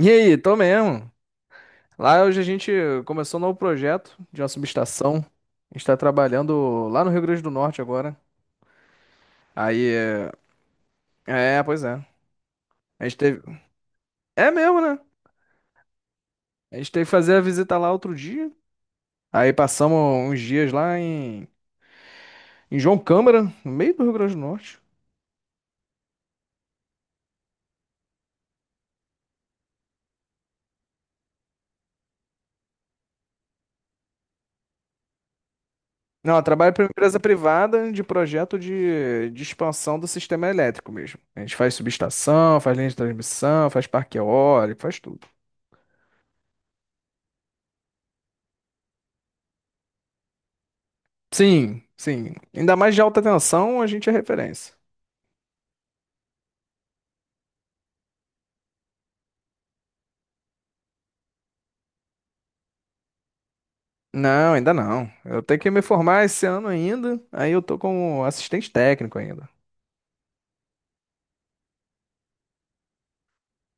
E aí, tô mesmo. Lá hoje a gente começou um novo projeto de uma subestação. A gente tá trabalhando lá no Rio Grande do Norte agora. Aí, é, é, pois é. A gente teve. É mesmo, né? A gente teve que fazer a visita lá outro dia. Aí passamos uns dias lá em João Câmara, no meio do Rio Grande do Norte. Não, eu trabalho para uma empresa privada de projeto de expansão do sistema elétrico mesmo. A gente faz subestação, faz linha de transmissão, faz parque eólico, faz tudo. Sim, sim. Ainda mais de alta tensão, a gente é referência. Não, ainda não. Eu tenho que me formar esse ano ainda. Aí eu tô como assistente técnico ainda.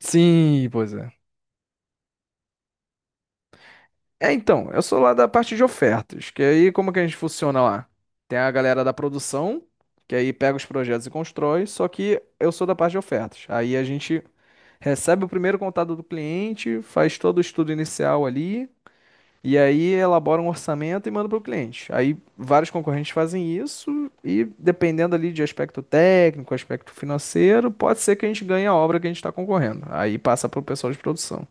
Sim, pois é. É, então, eu sou lá da parte de ofertas, que aí como que a gente funciona lá? Tem a galera da produção, que aí pega os projetos e constrói, só que eu sou da parte de ofertas. Aí a gente recebe o primeiro contato do cliente, faz todo o estudo inicial ali, e aí elabora um orçamento e manda para o cliente. Aí vários concorrentes fazem isso e dependendo ali de aspecto técnico, aspecto financeiro, pode ser que a gente ganhe a obra que a gente está concorrendo. Aí passa para o pessoal de produção.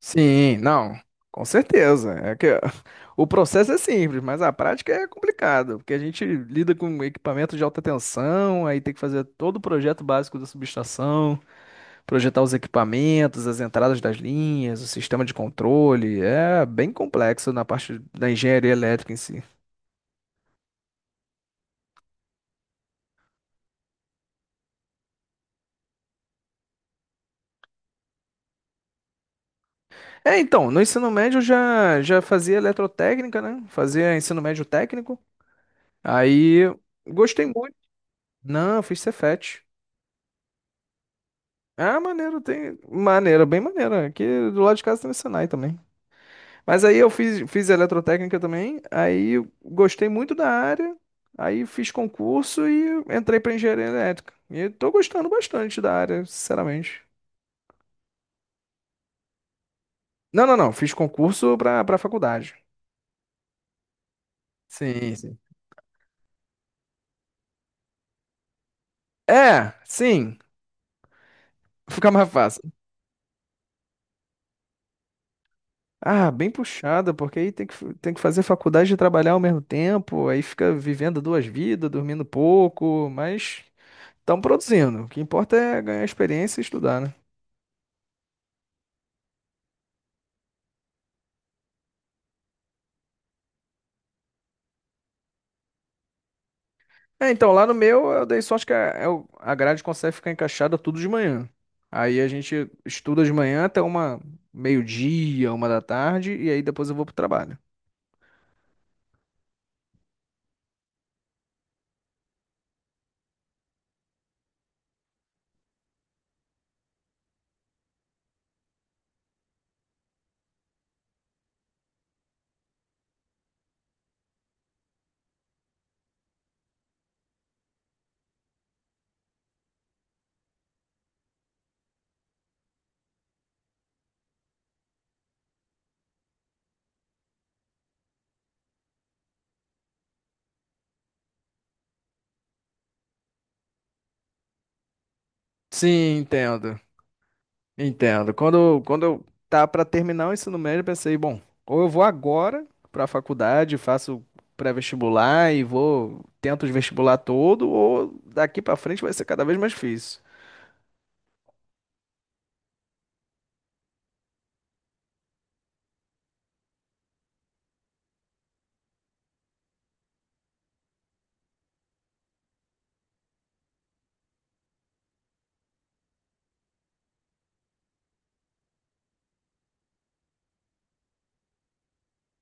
Sim, não, com certeza. É que o processo é simples, mas a prática é complicada, porque a gente lida com equipamento de alta tensão, aí tem que fazer todo o projeto básico da subestação. Projetar os equipamentos, as entradas das linhas, o sistema de controle. É bem complexo na parte da engenharia elétrica em si. É, então, no ensino médio eu já fazia eletrotécnica, né? Fazia ensino médio técnico. Aí gostei muito. Não, eu fiz Cefet. Ah, maneiro, tem. Maneiro, bem maneiro. Aqui do lado de casa tem o Senai também. Mas aí eu fiz, fiz eletrotécnica também, aí eu gostei muito da área, aí fiz concurso e entrei para engenharia elétrica. E eu tô gostando bastante da área, sinceramente. Não, não, não, fiz concurso para faculdade. Sim, sim. É, sim, fica mais fácil. Ah, bem puxada, porque aí tem que fazer faculdade e trabalhar ao mesmo tempo, aí fica vivendo duas vidas, dormindo pouco, mas estão produzindo. O que importa é ganhar experiência e estudar, né? É, então, lá no meu eu dei sorte que a grade consegue ficar encaixada tudo de manhã. Aí a gente estuda de manhã até uma meio-dia, uma da tarde, e aí depois eu vou pro trabalho. Sim, entendo. Entendo. Quando eu tá para terminar o ensino médio, eu pensei, bom, ou eu vou agora para a faculdade, faço pré-vestibular e vou, tento os vestibular todo, ou daqui para frente vai ser cada vez mais difícil.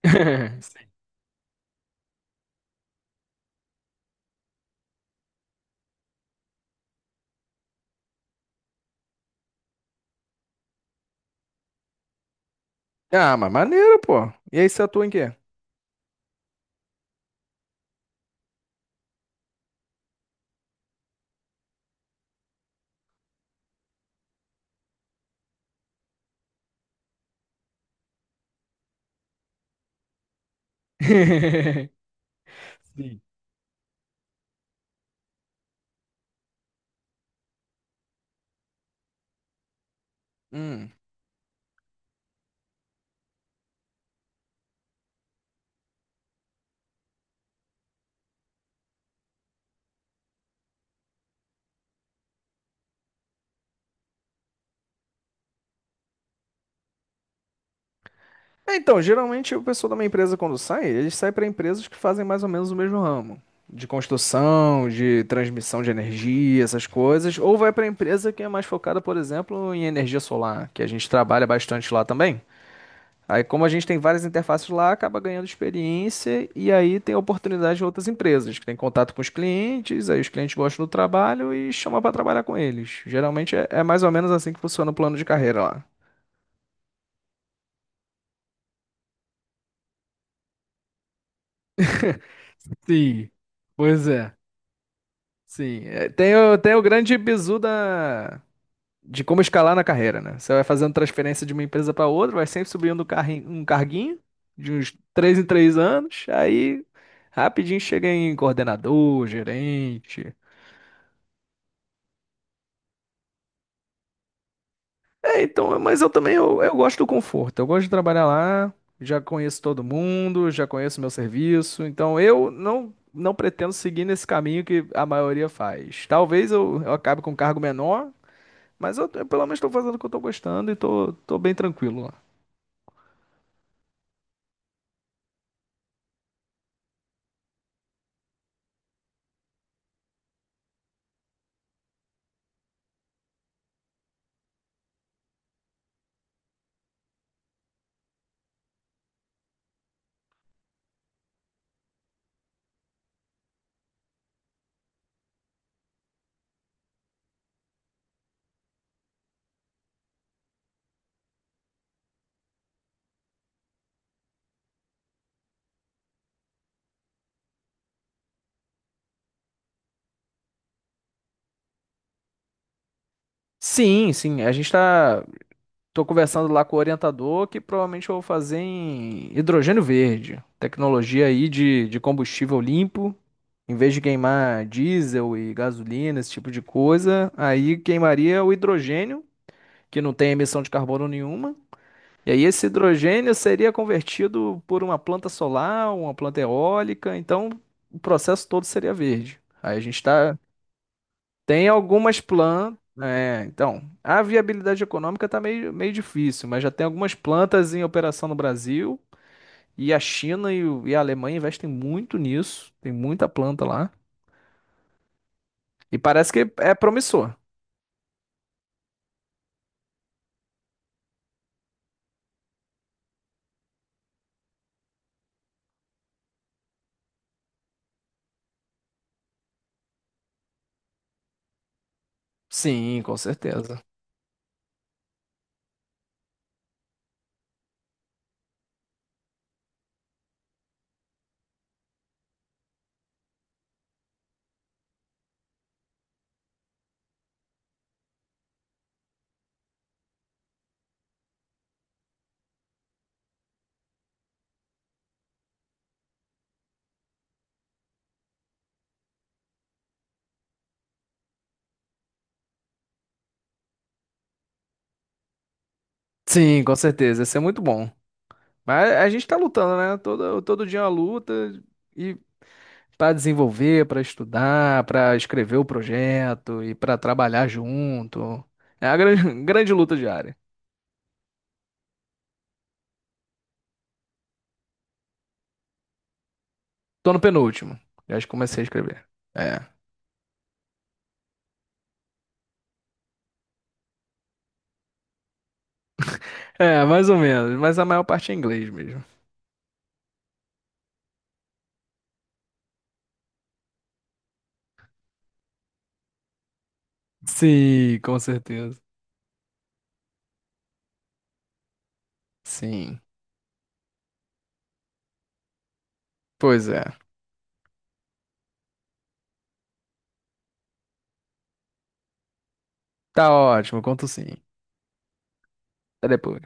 Sim. Ah, mas maneiro, pô. E aí você atua em quê? Sim. Hum. É, então, geralmente o pessoal da minha empresa, quando sai, eles saem para empresas que fazem mais ou menos o mesmo ramo. De construção, de transmissão de energia, essas coisas. Ou vai para empresa que é mais focada, por exemplo, em energia solar, que a gente trabalha bastante lá também. Aí, como a gente tem várias interfaces lá, acaba ganhando experiência e aí tem oportunidade de outras empresas, que tem contato com os clientes, aí os clientes gostam do trabalho e chamam para trabalhar com eles. Geralmente é, é mais ou menos assim que funciona o plano de carreira lá. Sim, pois é. Sim, é, tem o grande bizu da, de como escalar na carreira, né? Você vai fazendo transferência de uma empresa para outra, vai sempre subindo um carguinho de uns três em três anos, aí rapidinho chega em coordenador, gerente. É, então, mas eu também eu gosto do conforto, eu gosto de trabalhar lá, já conheço todo mundo, já conheço meu serviço, então eu não, não pretendo seguir nesse caminho que a maioria faz. Talvez eu acabe com um cargo menor. Mas eu pelo menos tô fazendo o que eu tô gostando e tô, tô bem tranquilo lá. Sim, sim. A gente tá. Tô conversando lá com o orientador que provavelmente eu vou fazer em hidrogênio verde. Tecnologia aí de combustível limpo. Em vez de queimar diesel e gasolina, esse tipo de coisa, aí queimaria o hidrogênio, que não tem emissão de carbono nenhuma. E aí esse hidrogênio seria convertido por uma planta solar, uma planta eólica. Então o processo todo seria verde. Aí a gente está. Tem algumas plantas. É, então, a viabilidade econômica tá meio, meio difícil, mas já tem algumas plantas em operação no Brasil. E a China e a Alemanha investem muito nisso. Tem muita planta lá. E parece que é promissor. Sim, com certeza. Sim, com certeza. Isso é muito bom. Mas a gente tá lutando, né? Todo dia é uma luta e para desenvolver, para estudar, para escrever o projeto e para trabalhar junto. É a grande, grande luta diária. Tô no penúltimo. Já comecei a escrever. É. É, mais ou menos, mas a maior parte é inglês mesmo. Sim, com certeza. Sim. Pois é. Tá ótimo, conto sim. Até depois.